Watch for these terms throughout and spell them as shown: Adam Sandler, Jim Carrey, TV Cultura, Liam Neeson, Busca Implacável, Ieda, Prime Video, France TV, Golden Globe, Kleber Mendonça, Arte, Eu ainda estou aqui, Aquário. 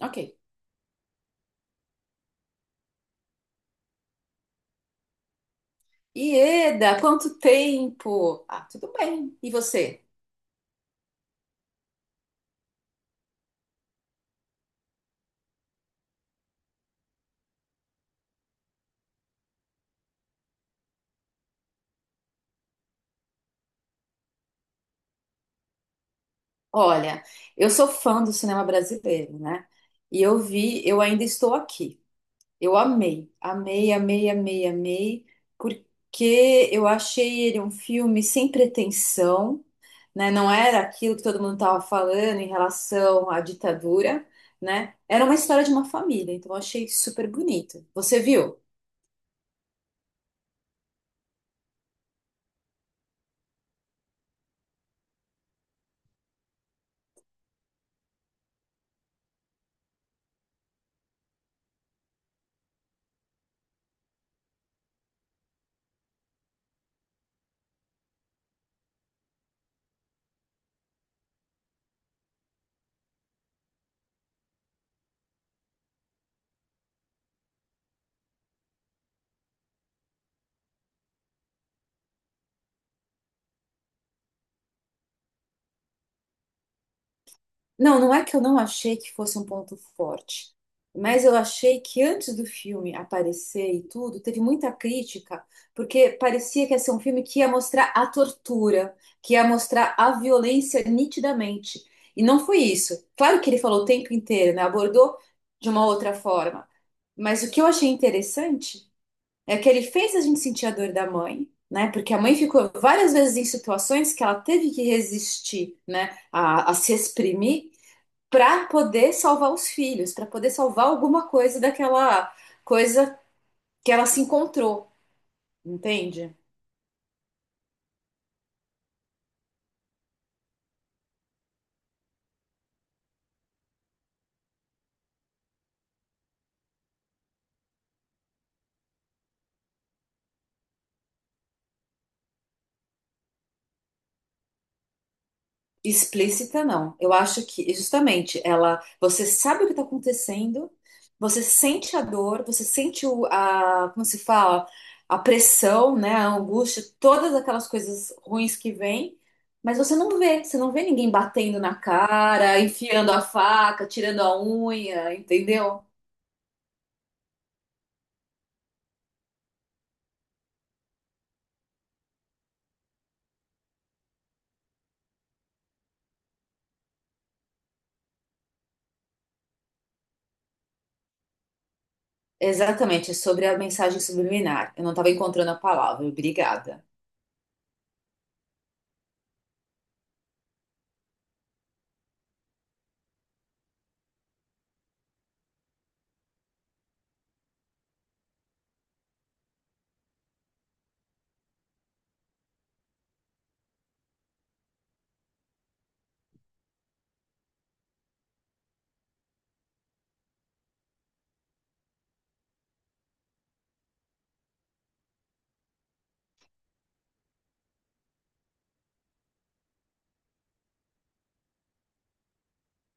Ok. Ieda, quanto tempo? Ah, tudo bem. E você? Olha, eu sou fã do cinema brasileiro, né? E eu vi, eu ainda estou aqui. Eu amei, amei, amei, amei, amei, porque eu achei ele um filme sem pretensão, né? Não era aquilo que todo mundo estava falando em relação à ditadura, né? Era uma história de uma família, então eu achei super bonito. Você viu? Não, não é que eu não achei que fosse um ponto forte, mas eu achei que antes do filme aparecer e tudo, teve muita crítica, porque parecia que ia ser um filme que ia mostrar a tortura, que ia mostrar a violência nitidamente. E não foi isso. Claro que ele falou o tempo inteiro, né? Abordou de uma outra forma. Mas o que eu achei interessante é que ele fez a gente sentir a dor da mãe, né? Porque a mãe ficou várias vezes em situações que ela teve que resistir, né? A se exprimir para poder salvar os filhos, para poder salvar alguma coisa daquela coisa que ela se encontrou, entende? Explícita não. Eu acho que justamente ela, você sabe o que está acontecendo, você sente a dor, você sente como se fala, a pressão, né, a angústia, todas aquelas coisas ruins que vêm, mas você não vê ninguém batendo na cara, enfiando a faca, tirando a unha, entendeu? Exatamente, é sobre a mensagem subliminar. Eu não estava encontrando a palavra, obrigada.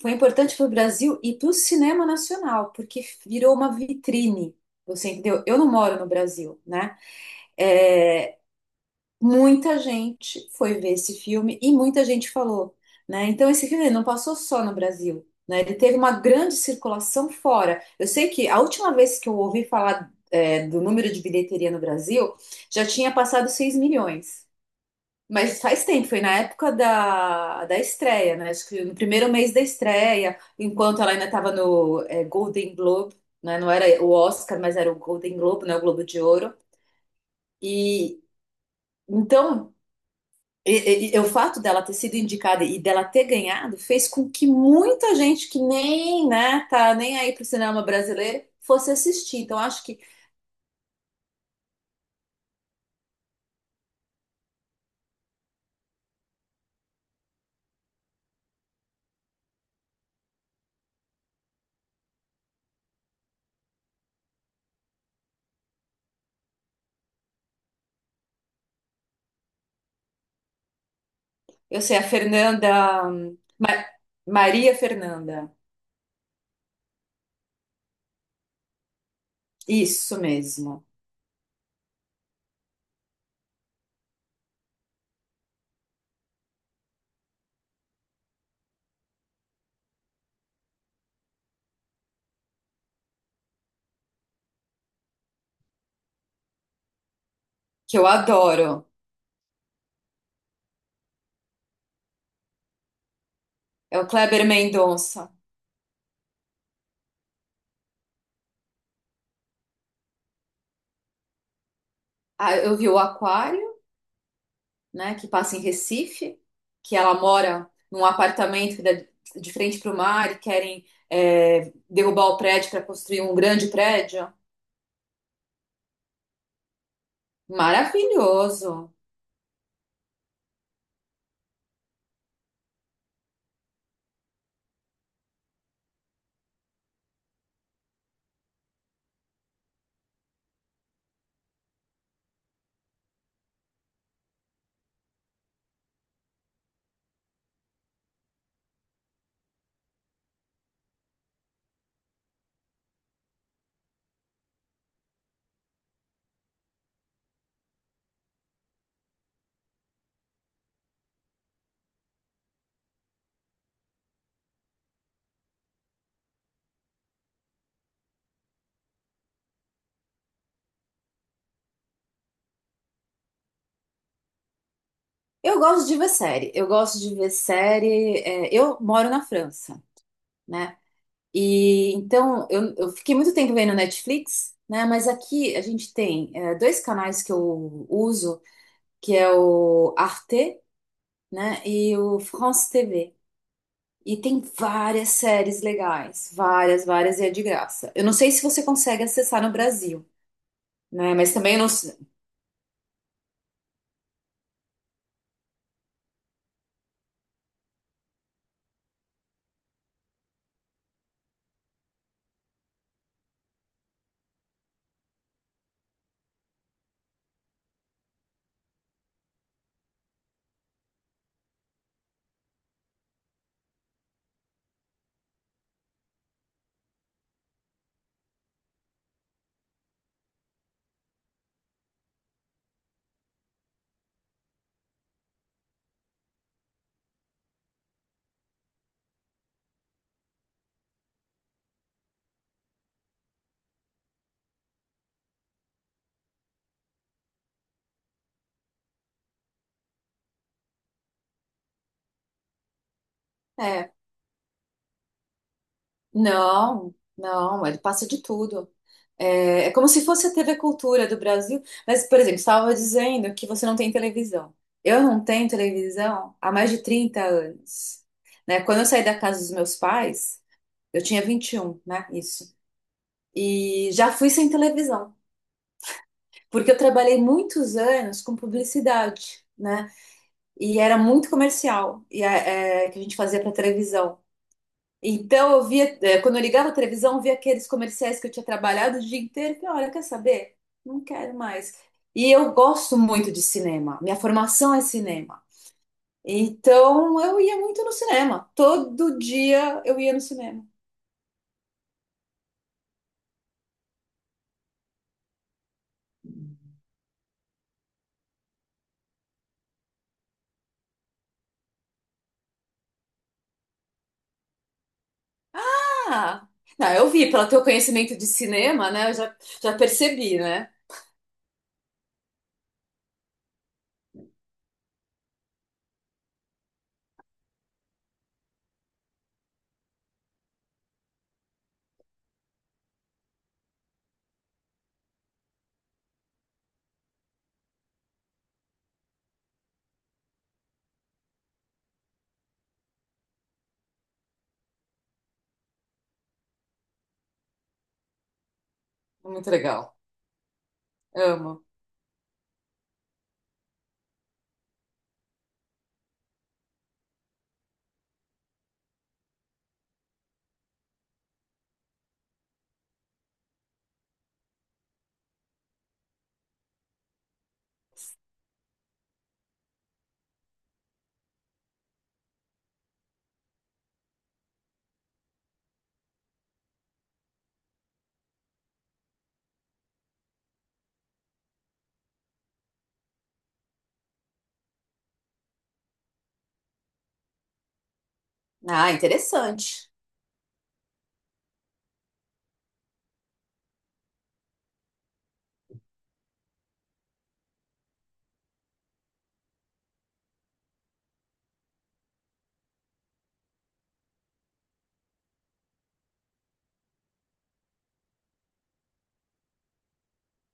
Foi importante para o Brasil e para o cinema nacional, porque virou uma vitrine. Você entendeu? Eu não moro no Brasil, né? É, muita gente foi ver esse filme e muita gente falou, né? Então esse filme não passou só no Brasil, né? Ele teve uma grande circulação fora. Eu sei que a última vez que eu ouvi falar, é, do número de bilheteria no Brasil, já tinha passado 6 milhões. Mas faz tempo, foi na época da estreia, né? Acho que no primeiro mês da estreia, enquanto ela ainda estava no Golden Globe, né? Não era o Oscar, mas era o Golden Globe, né? O Globo de Ouro. E então, e o fato dela ter sido indicada e dela ter ganhado fez com que muita gente que nem, né, tá nem aí pro cinema brasileiro fosse assistir. Então, acho que, eu sei, a Fernanda, Maria Fernanda, isso mesmo, que eu adoro. É o Kleber Mendonça. Ah, eu vi o Aquário, né, que passa em Recife, que ela mora num apartamento que dá de frente para o mar e querem derrubar o prédio para construir um grande prédio. Maravilhoso. Eu gosto de ver série. Eu gosto de ver série. Eu moro na França, né? E então eu fiquei muito tempo vendo Netflix, né? Mas aqui a gente tem é, dois canais que eu uso, que é o Arte né? E o France TV. E tem várias séries legais, várias, várias, e é de graça. Eu não sei se você consegue acessar no Brasil, né? Mas também eu não sei. É, não, não, ele passa de tudo. É, é como se fosse a TV Cultura do Brasil. Mas, por exemplo, estava dizendo que você não tem televisão. Eu não tenho televisão há mais de 30 anos, né? Quando eu saí da casa dos meus pais, eu tinha 21 né? Isso. E já fui sem televisão. Porque eu trabalhei muitos anos com publicidade, né? E era muito comercial, que a gente fazia para televisão. Então eu via, é, quando eu ligava a televisão, eu via aqueles comerciais que eu tinha trabalhado o dia inteiro. E olha, quer saber? Não quero mais. E eu gosto muito de cinema. Minha formação é cinema. Então eu ia muito no cinema. Todo dia eu ia no cinema. Ah, não, eu vi, pelo teu conhecimento de cinema, né? Eu já percebi, né? Muito legal. Amo. Ah, interessante.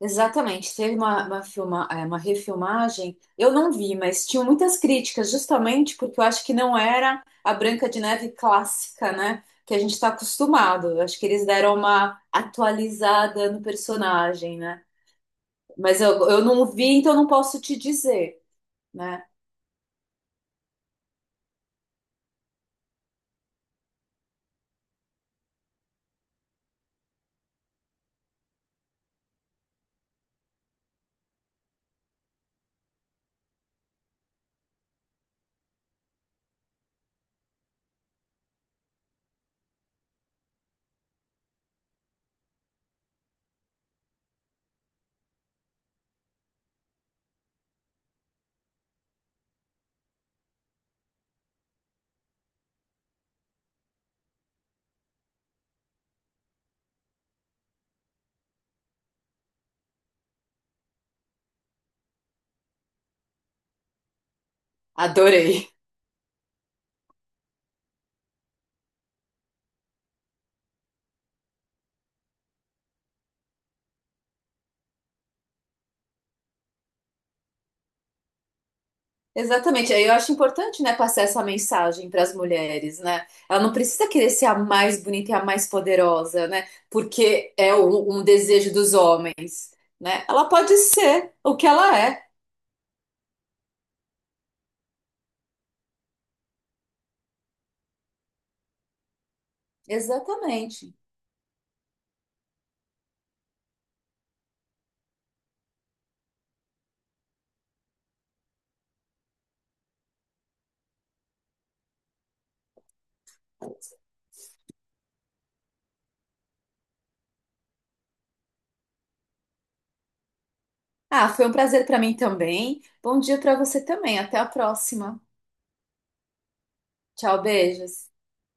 Exatamente. Teve uma refilmagem, eu não vi, mas tinham muitas críticas, justamente porque eu acho que não era a Branca de Neve clássica, né? Que a gente está acostumado. Eu acho que eles deram uma atualizada no personagem, né? Mas eu não vi, então não posso te dizer, né? Adorei. Exatamente. Aí eu acho importante, né, passar essa mensagem para as mulheres, né? Ela não precisa querer ser a mais bonita e a mais poderosa, né? Porque um desejo dos homens, né? Ela pode ser o que ela é. Exatamente. Ah, foi um prazer para mim também. Bom dia para você também. Até a próxima. Tchau, beijos.